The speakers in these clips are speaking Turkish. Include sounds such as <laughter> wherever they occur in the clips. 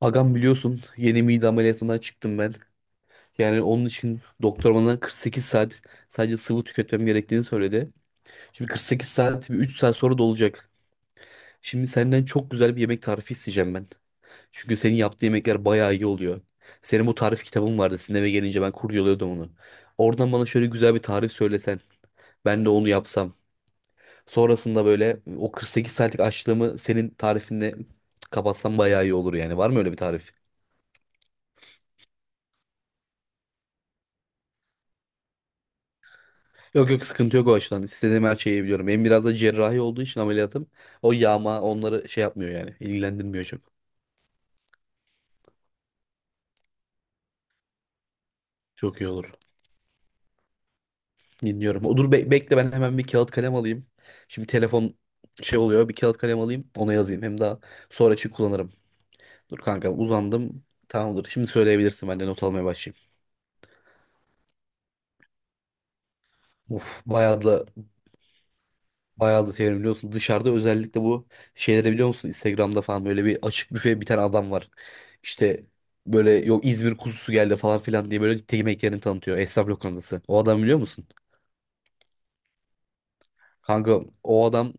Agam biliyorsun yeni mide ameliyatından çıktım ben. Yani onun için doktor bana 48 saat sadece sıvı tüketmem gerektiğini söyledi. Şimdi 48 saat bir 3 saat sonra dolacak. Şimdi senden çok güzel bir yemek tarifi isteyeceğim ben. Çünkü senin yaptığın yemekler bayağı iyi oluyor. Senin bu tarif kitabın vardı. Sizin eve gelince ben kurcalıyordum onu. Oradan bana şöyle güzel bir tarif söylesen. Ben de onu yapsam. Sonrasında böyle o 48 saatlik açlığımı senin tarifinle kapatsam bayağı iyi olur yani. Var mı öyle bir tarif? Yok, yok, sıkıntı yok o açıdan. İstediğim her şeyi biliyorum. Benim biraz da cerrahi olduğu için ameliyatım. O yağma onları şey yapmıyor yani. İlgilendirmiyor çok. Çok iyi olur. Dinliyorum. O, dur, bekle, ben hemen bir kağıt kalem alayım. Şimdi telefon şey oluyor. Bir kağıt kalem alayım. Ona yazayım. Hem daha sonra için kullanırım. Dur kanka, uzandım. Tamamdır. Şimdi söyleyebilirsin. Ben de not almaya başlayayım. Of, bayağı da severim biliyor musun? Dışarıda özellikle bu şeyleri biliyor musun? Instagram'da falan böyle bir açık büfe bir tane adam var. İşte böyle, yok İzmir kuzusu geldi falan filan diye böyle yemek tanıtıyor. Esnaf lokantası. O adam biliyor musun? Kanka o adam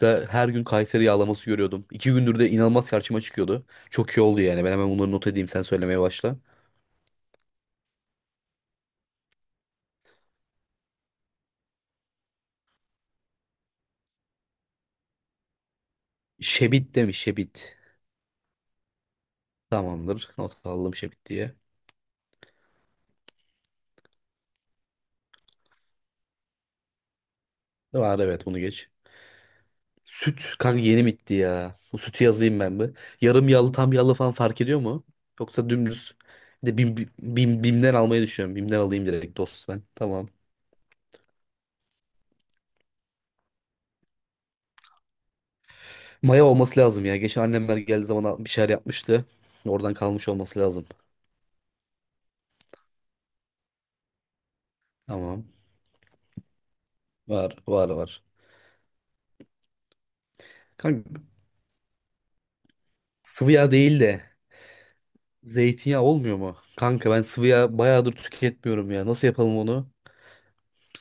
da her gün Kayseri yağlaması görüyordum. 2 gündür de inanılmaz karşıma çıkıyordu. Çok iyi oldu yani. Ben hemen bunları not edeyim, sen söylemeye başla. Şebit demiş, Şebit. Tamamdır. Not aldım Şebit diye. Var, evet, bunu geç. Süt kanka yeni bitti ya. Bu sütü yazayım ben bir. Yarım yağlı tam yağlı falan fark ediyor mu? Yoksa dümdüz. Bir de bimden almayı düşünüyorum. Bimden alayım direkt dost ben. Tamam. Maya olması lazım ya. Geçen annemler geldiği zaman bir şeyler yapmıştı. Oradan kalmış olması lazım. Tamam. Var var var. Kanka sıvı yağ değil de zeytinyağı olmuyor mu? Kanka ben sıvı yağ bayağıdır tüketmiyorum ya. Nasıl yapalım onu?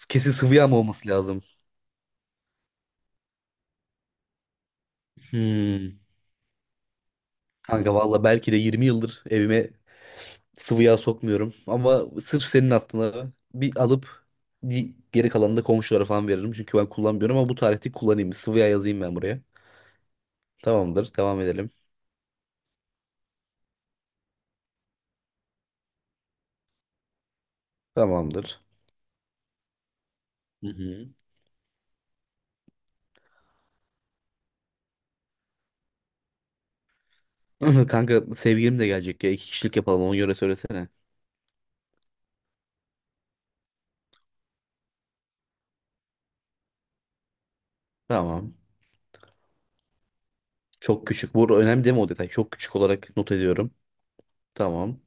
Kesin sıvı yağ mı olması lazım? Hmm. Kanka valla belki de 20 yıldır evime sıvı yağ sokmuyorum. Ama sırf senin aklına bir alıp, geri kalanını da komşulara falan veririm. Çünkü ben kullanmıyorum ama bu tarihte kullanayım. Sıvı yağ yazayım ben buraya. Tamamdır. Devam edelim. Tamamdır. Hı hı. <laughs> Kanka sevgilim de gelecek ya. 2 kişilik yapalım ona göre söylesene. Tamam. Çok küçük. Bu önemli değil mi o detay? Çok küçük olarak not ediyorum. Tamam.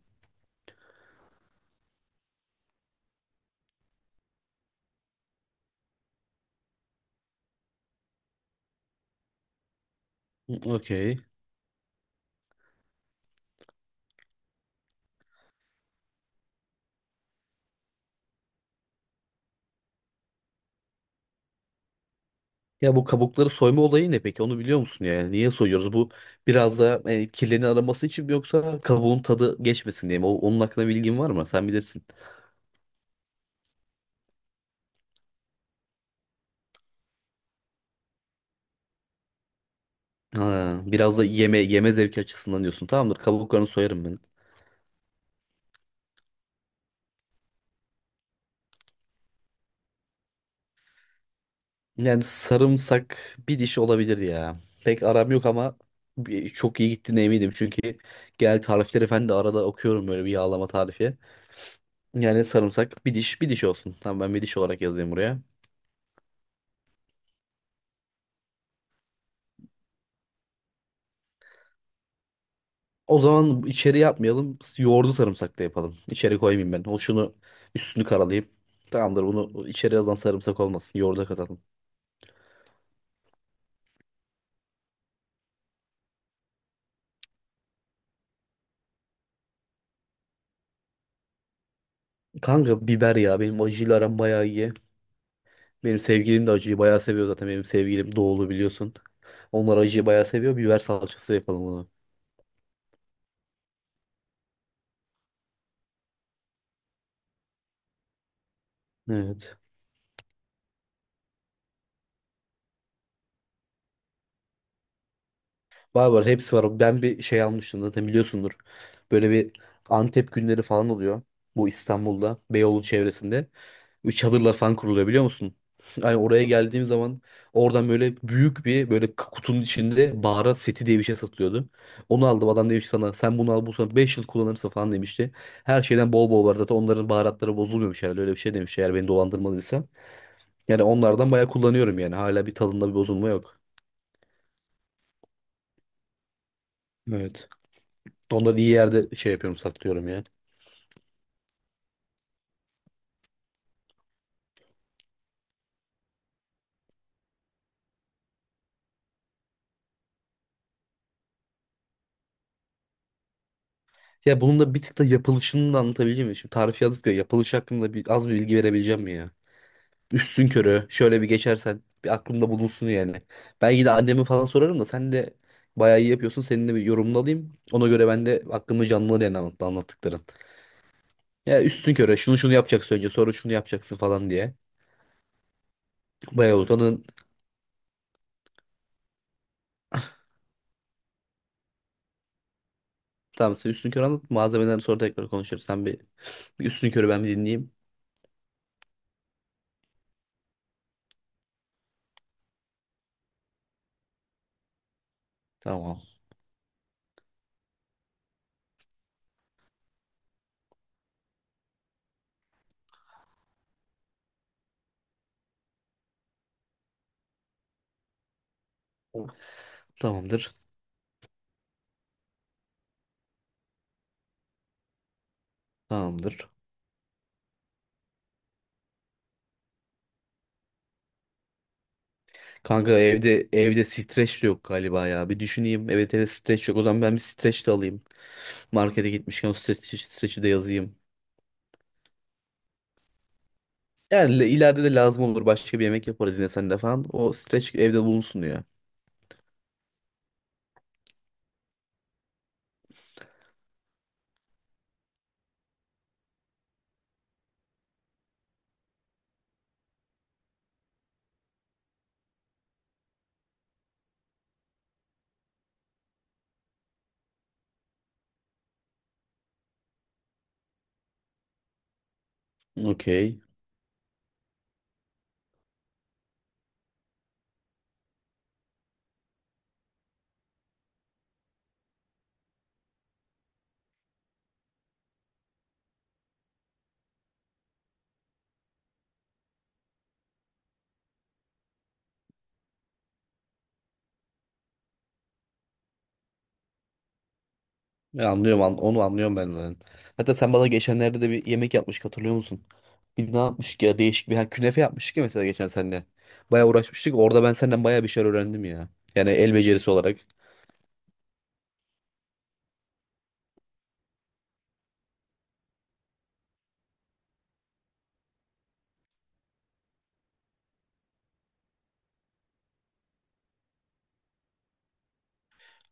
Okey. Ya bu kabukları soyma olayı ne peki? Onu biliyor musun yani? Niye soyuyoruz? Bu biraz da kirlerini araması için mi, yoksa kabuğun tadı geçmesin diye mi? O, onun hakkında bilgin var mı? Sen bilirsin. Ha, biraz da yeme zevki açısından diyorsun. Tamamdır. Kabuklarını soyarım ben. Yani sarımsak bir diş olabilir ya. Pek aram yok ama çok iyi gittiğine eminim. Çünkü genel tarifleri falan da arada okuyorum böyle bir yağlama tarifi. Yani sarımsak bir diş bir diş olsun. Tamam, ben bir diş olarak yazayım buraya. O zaman içeri yapmayalım. Yoğurdu sarımsaklı yapalım. İçeri koymayayım ben. O şunu üstünü karalayayım. Tamamdır, bunu içeri yazan sarımsak olmasın. Yoğurda katalım. Kanka biber ya, benim acıyla aram bayağı iyi. Benim sevgilim de acıyı bayağı seviyor zaten. Benim sevgilim doğulu biliyorsun. Onlar acıyı bayağı seviyor. Biber salçası yapalım bunu. Evet. Var var hepsi var. Ben bir şey almıştım zaten biliyorsundur. Böyle bir Antep günleri falan oluyor. Bu İstanbul'da Beyoğlu çevresinde. Üç çadırlar falan kuruluyor biliyor musun? <laughs> Hani oraya geldiğim zaman oradan böyle büyük bir böyle kutunun içinde baharat seti diye bir şey satılıyordu. Onu aldım, adam demiş sana sen bunu al bu sana 5 yıl kullanırsın falan demişti. Her şeyden bol bol var zaten, onların baharatları bozulmuyormuş herhalde, öyle bir şey demiş eğer beni dolandırmadıysa. Yani onlardan bayağı kullanıyorum yani, hala bir tadında bir bozulma yok. Evet. Onları iyi yerde şey yapıyorum, saklıyorum ya. Ya bunun da bir tık da yapılışını da anlatabileceğim mi? Şimdi tarif yazdık ya, yapılış hakkında az bir bilgi verebileceğim mi ya? Üstün körü şöyle bir geçersen bir aklımda bulunsun yani. Belki de anneme falan sorarım da, sen de bayağı iyi yapıyorsun. Seninle bir yorumunu alayım. Ona göre ben de aklımı canlanır yani, anlattıkların. Ya üstün körü şunu şunu yapacaksın önce sonra şunu yapacaksın falan diye. Bayağı utanın. Tamam, sen üstün körü anlat, malzemeden sonra tekrar konuşuruz. Sen bir üstün körü ben bir dinleyeyim. Tamam. Tamamdır. Tamamdır. Kanka evde streç de yok galiba ya. Bir düşüneyim. Evet, evet, streç yok. O zaman ben bir streç de alayım. Markete gitmişken o streç'i de yazayım. Yani ileride de lazım olur. Başka bir yemek yaparız yine seninle falan. O streç evde bulunsun ya. Okey. Ya Anlıyorum, onu anlıyorum ben zaten. Hatta sen bana geçenlerde de bir yemek yapmıştık hatırlıyor musun? Bir ne yapmıştık ya, değişik bir künefe yapmıştık ya mesela geçen seninle. Bayağı uğraşmıştık. Orada ben senden bayağı bir şeyler öğrendim ya. Yani el becerisi olarak.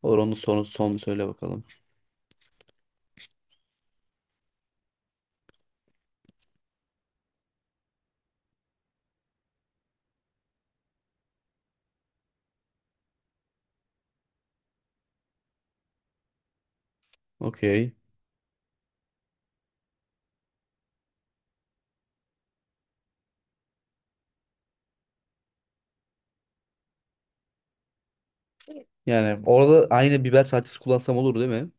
Olur, onu son bir söyle bakalım. Okey. Yani orada aynı biber salçası kullansam olur değil mi?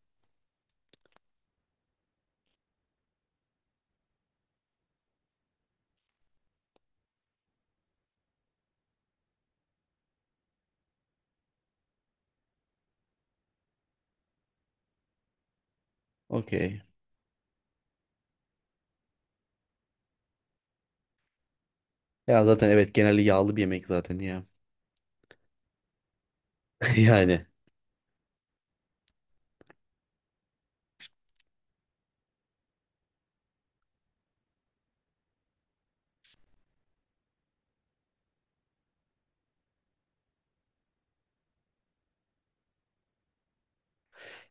Okey. Ya zaten evet, genelde yağlı bir yemek zaten ya. <laughs> Yani.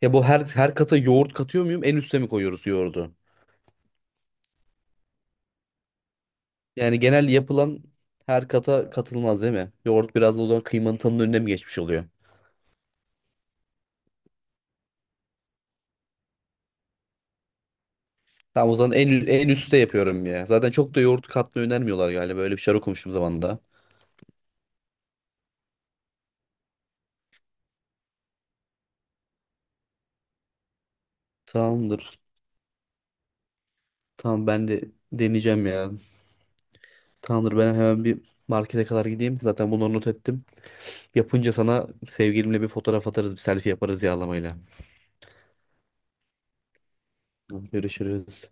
Ya bu her kata yoğurt katıyor muyum? En üste mi koyuyoruz yoğurdu? Yani genel yapılan her kata katılmaz değil mi? Yoğurt biraz da o zaman kıymanın tadının önüne mi geçmiş oluyor? Tamam, o zaman en üste yapıyorum ya. Zaten çok da yoğurt katmayı önermiyorlar galiba. Böyle bir şey okumuştum zamanında. Tamamdır. Tamam ben de deneyeceğim ya. Tamamdır, ben hemen bir markete kadar gideyim. Zaten bunları not ettim. Yapınca sana sevgilimle bir fotoğraf atarız, bir selfie yaparız yağlamayla. Görüşürüz.